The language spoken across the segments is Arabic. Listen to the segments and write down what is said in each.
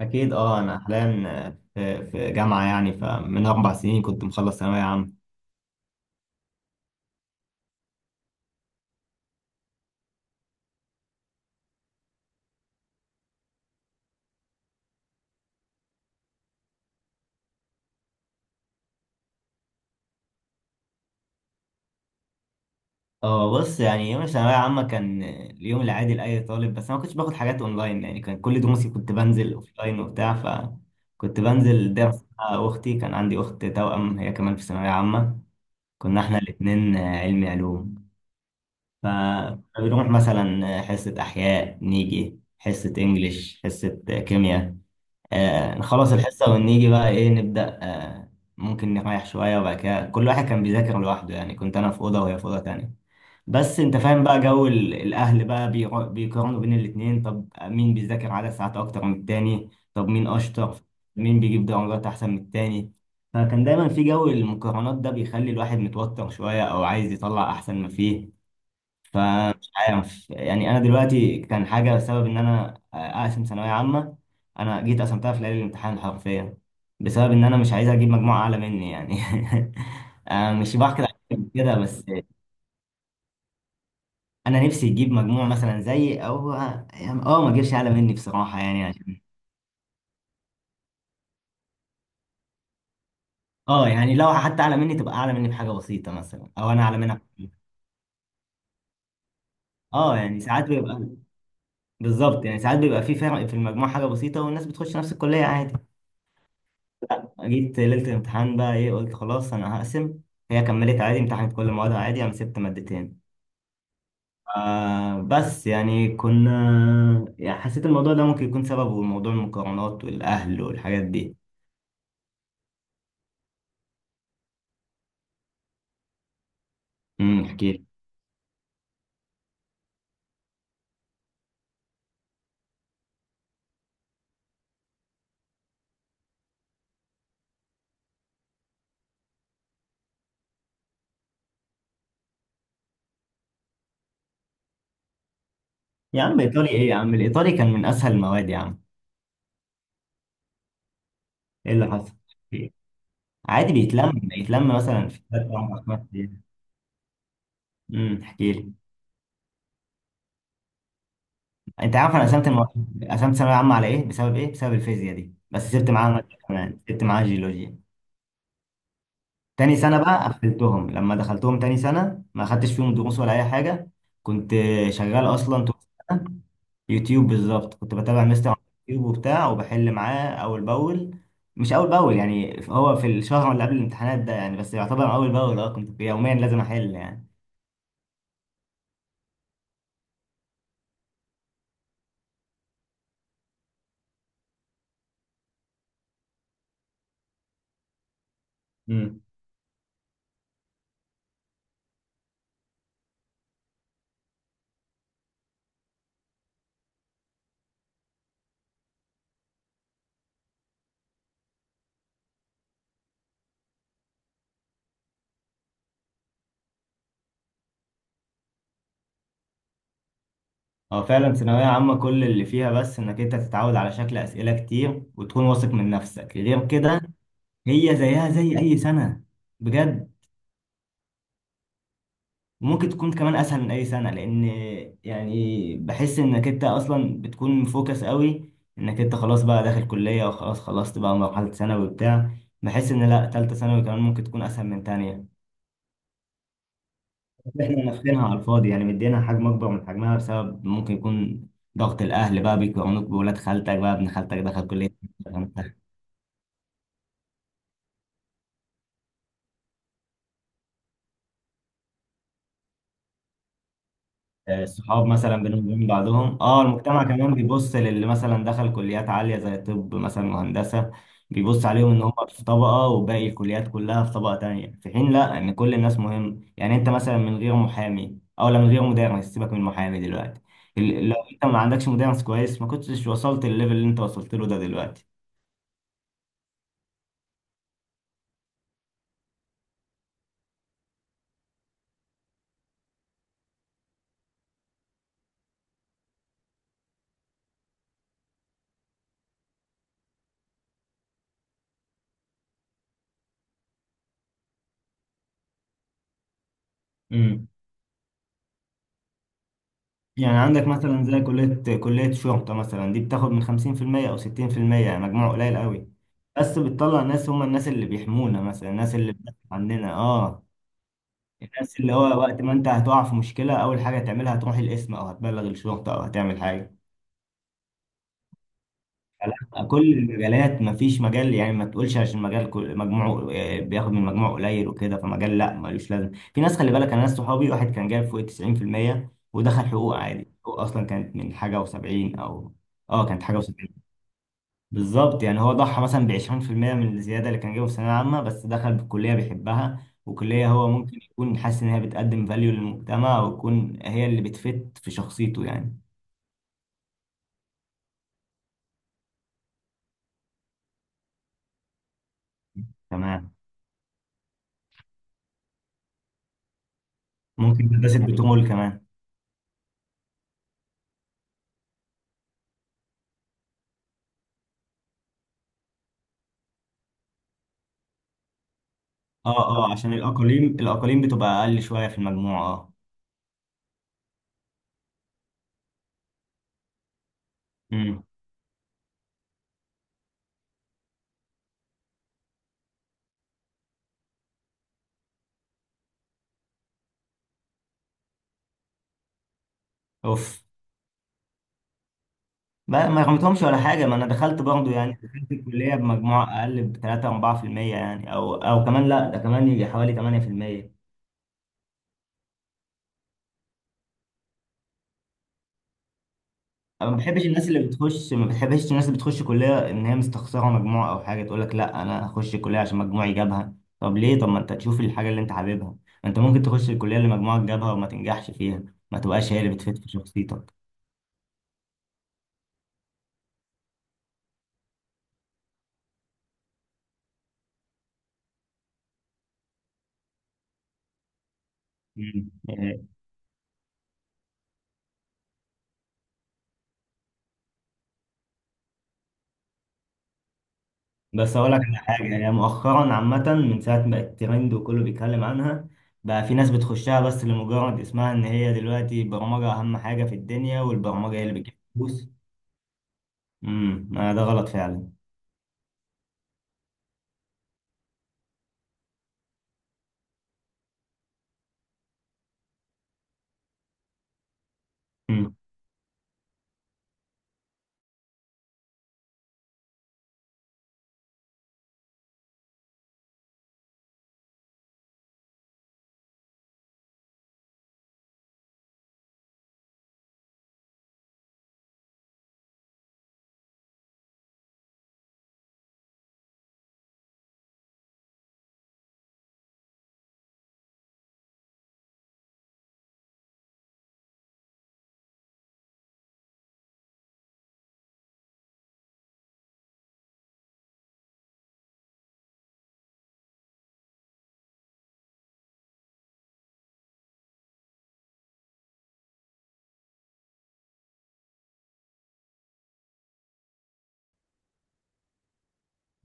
أكيد، أه أنا حاليا في جامعة، يعني فمن أربع سنين كنت مخلص ثانوية عامة. أه بص، يعني يوم الثانوية عامة كان اليوم العادي لأي طالب، بس أنا ما كنتش باخد حاجات أونلاين، يعني كان كل دروسي كنت بنزل أوفلاين وبتاع، فكنت بنزل درس مع أختي. كان عندي أخت توأم هي كمان في ثانوية عامة. كنا إحنا الاتنين علمي علوم، فبنروح مثلا حصة أحياء، نيجي حصة إنجليش، حصة كيمياء. آه نخلص الحصة ونيجي بقى إيه، نبدأ آه ممكن نريح شوية، وبعد كده كل واحد كان بيذاكر لوحده، يعني كنت أنا في أوضة وهي في أوضة تانية. بس أنت فاهم بقى جو الأهل بقى، بيقارنوا بين الاتنين، طب مين بيذاكر عدد ساعات أكتر من التاني؟ طب مين أشطر؟ مين بيجيب درجات أحسن من التاني؟ فكان دايما في جو المقارنات ده بيخلي الواحد متوتر شوية، أو عايز يطلع أحسن ما فيه. فمش عارف، يعني انا دلوقتي كان حاجه بسبب ان انا اقسم ثانويه عامه، انا جيت قسمتها في ليله الامتحان حرفيا، بسبب ان انا مش عايز اجيب مجموعه اعلى مني يعني. أنا مش بحقد عليهم كده، بس انا نفسي يجيب مجموع مثلا زي، او يعني اه ما اجيبش اعلى مني بصراحه، يعني عشان اه، يعني لو حتى اعلى مني تبقى اعلى مني بحاجه بسيطه مثلا، او انا اعلى منك. اه يعني ساعات بيبقى، بالظبط، يعني ساعات بيبقى في فرق في المجموع حاجه بسيطه والناس بتخش نفس الكليه عادي. جيت ليلة الامتحان بقى ايه، قلت خلاص انا هقسم. هي كملت عادي، امتحنت كل موادها عادي، انا سبت مادتين. آه بس يعني كنا، يعني حسيت الموضوع ده ممكن يكون سببه موضوع المقارنات والاهل والحاجات دي. احكي لي. يا عم ايطالي ايه يا عم، الايطالي كان من اسهل المواد يا عم. ايه اللي حصل احكي لي. عادي بيتلم مثلا في ثلاث اربع خمس ايام. احكي لي. انت عارف انا قسمت المواد، قسمت ثانويه عامه على ايه، بسبب ايه، بسبب الفيزياء دي، بس سبت معاها ماده كمان، سبت معاها جيولوجيا. تاني سنة بقى قفلتهم، لما دخلتهم تاني سنة ما خدتش فيهم دروس ولا أي حاجة. كنت شغال أصلا طول السنة يوتيوب. بالظبط كنت بتابع مستر على يوتيوب وبتاع، وبحل معاه أول بأول. مش أول بأول، يعني هو في الشهر اللي قبل الامتحانات ده، يعني بس يعتبر أول بأول. أه كنت يوميا لازم أحل يعني. امم. هو فعلا ثانوية عامة كل اللي فيها بس إنك أنت تتعود على شكل أسئلة كتير، وتكون واثق من نفسك، غير كده هي زيها زي أي سنة، بجد. ممكن تكون كمان اسهل من اي سنه، لان يعني بحس انك انت اصلا بتكون مفوكس قوي، انك انت خلاص بقى داخل كليه، وخلاص خلصت بقى مرحله ثانوي وبتاع. بحس ان لا، ثالثه ثانوي كمان ممكن تكون اسهل من تانية، بس احنا نفخينها على الفاضي، يعني مدينا حجم اكبر من حجمها، بسبب ممكن يكون ضغط الاهل بقى بيقارنوك بولاد خالتك، بقى ابن خالتك دخل كليه. آه، الصحاب مثلا بنقوم من بعضهم، اه المجتمع كمان بيبص للي مثلا دخل كليات عالية زي طب مثلا وهندسة، بيبص عليهم ان هم في طبقة وباقي الكليات كلها في طبقة تانية، في حين لا، ان كل الناس مهم. يعني انت مثلا من غير محامي، او لا، من غير مدرس، سيبك من محامي دلوقتي، لو انت ما عندكش مدرس كويس، ما كنتش وصلت الليفل اللي انت وصلت له ده دلوقتي. مم. يعني عندك مثلا زي كلية شرطة مثلا، دي بتاخد من خمسين في المية أو ستين في المية، يعني مجموع قليل قوي، بس بتطلع ناس هم الناس اللي بيحمونا مثلا، الناس اللي بتدافع عننا، اه الناس اللي هو وقت ما انت هتقع في مشكلة أول حاجة هتعملها هتروح القسم، أو هتبلغ الشرطة، أو هتعمل حاجة. لا، كل المجالات مفيش مجال، يعني ما تقولش عشان مجال مجموعه آه، بياخد من مجموعه قليل وكده فمجال لا ملوش لازم. في ناس خلي بالك، انا ناس صحابي واحد كان جايب فوق 90%، ودخل حقوق عادي. حقوق اصلا كانت من حاجه و70، او اه كانت حاجه و70. بالظبط، يعني هو ضحى مثلا ب 20% من الزياده اللي كان جايبها في الثانويه العامه، بس دخل بكليه بيحبها، وكليه هو ممكن يكون حاسس ان هي بتقدم فاليو للمجتمع، ويكون هي اللي بتفت في شخصيته يعني. تمام. ممكن هندسه بتمول كمان. اه اه، عشان الاقاليم، الاقاليم بتبقى اقل شويه في المجموع اه. امم. اوف. ما رميتهمش ولا حاجه، ما انا دخلت برضه، يعني دخلت الكليه بمجموع اقل ب 3 4%، يعني او او كمان، لا ده كمان يجي حوالي 8%. انا ما بحبش الناس اللي بتخش، ما بحبش الناس اللي بتخش كليه ان هي مستخسره مجموع، او حاجه تقول لك لا انا هخش كليه عشان مجموعي جابها. طب ليه؟ طب ما انت تشوف الحاجه اللي انت حاببها. ما انت ممكن تخش الكليه اللي مجموعك جابها وما تنجحش فيها، ما تبقاش هي اللي بتفيد في شخصيتك. مم. بس اقول لك على حاجه، يعني مؤخرا عامه من ساعه ما بقت ترند وكله بيتكلم عنها، بقى في ناس بتخشها بس لمجرد اسمها، ان هي دلوقتي البرمجه اهم حاجه في الدنيا، والبرمجه هي اللي بتجيب فلوس. امم. ده غلط فعلا. امم.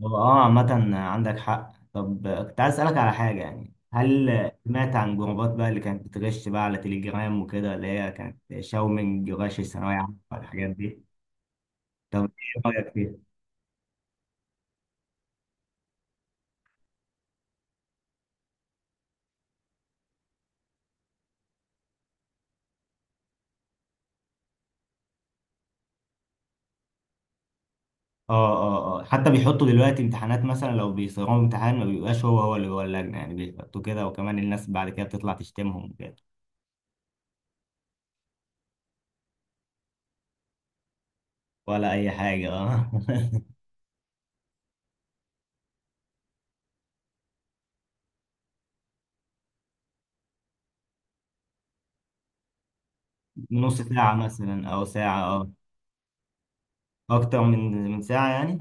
هو اه عامه عندك حق. طب آه، كنت عايز اسالك على حاجه، يعني هل سمعت عن جروبات بقى اللي كانت بتغش بقى على تليجرام وكده، اللي هي كانت شاومينج، غش الثانويه عامه والحاجات دي؟ طب ايه رايك فيها؟ اه اه اه، حتى بيحطوا دلوقتي امتحانات مثلا، لو بيصيغوا امتحان ما بيبقاش هو اللي جوه اللجنة، يعني بيحطوا كده، وكمان الناس بعد كده بتطلع تشتمهم كده. ولا أي حاجة اه. نص ساعة مثلا أو ساعة اه، أكتر من ساعة يعني.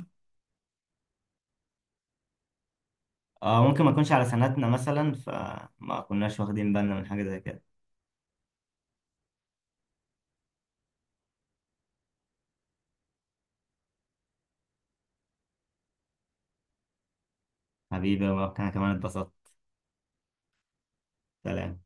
اه ممكن ما يكونش على سنتنا مثلا، فما كناش واخدين بالنا من حاجة زي كده. حبيبي وأنا كمان اتبسطت. سلام.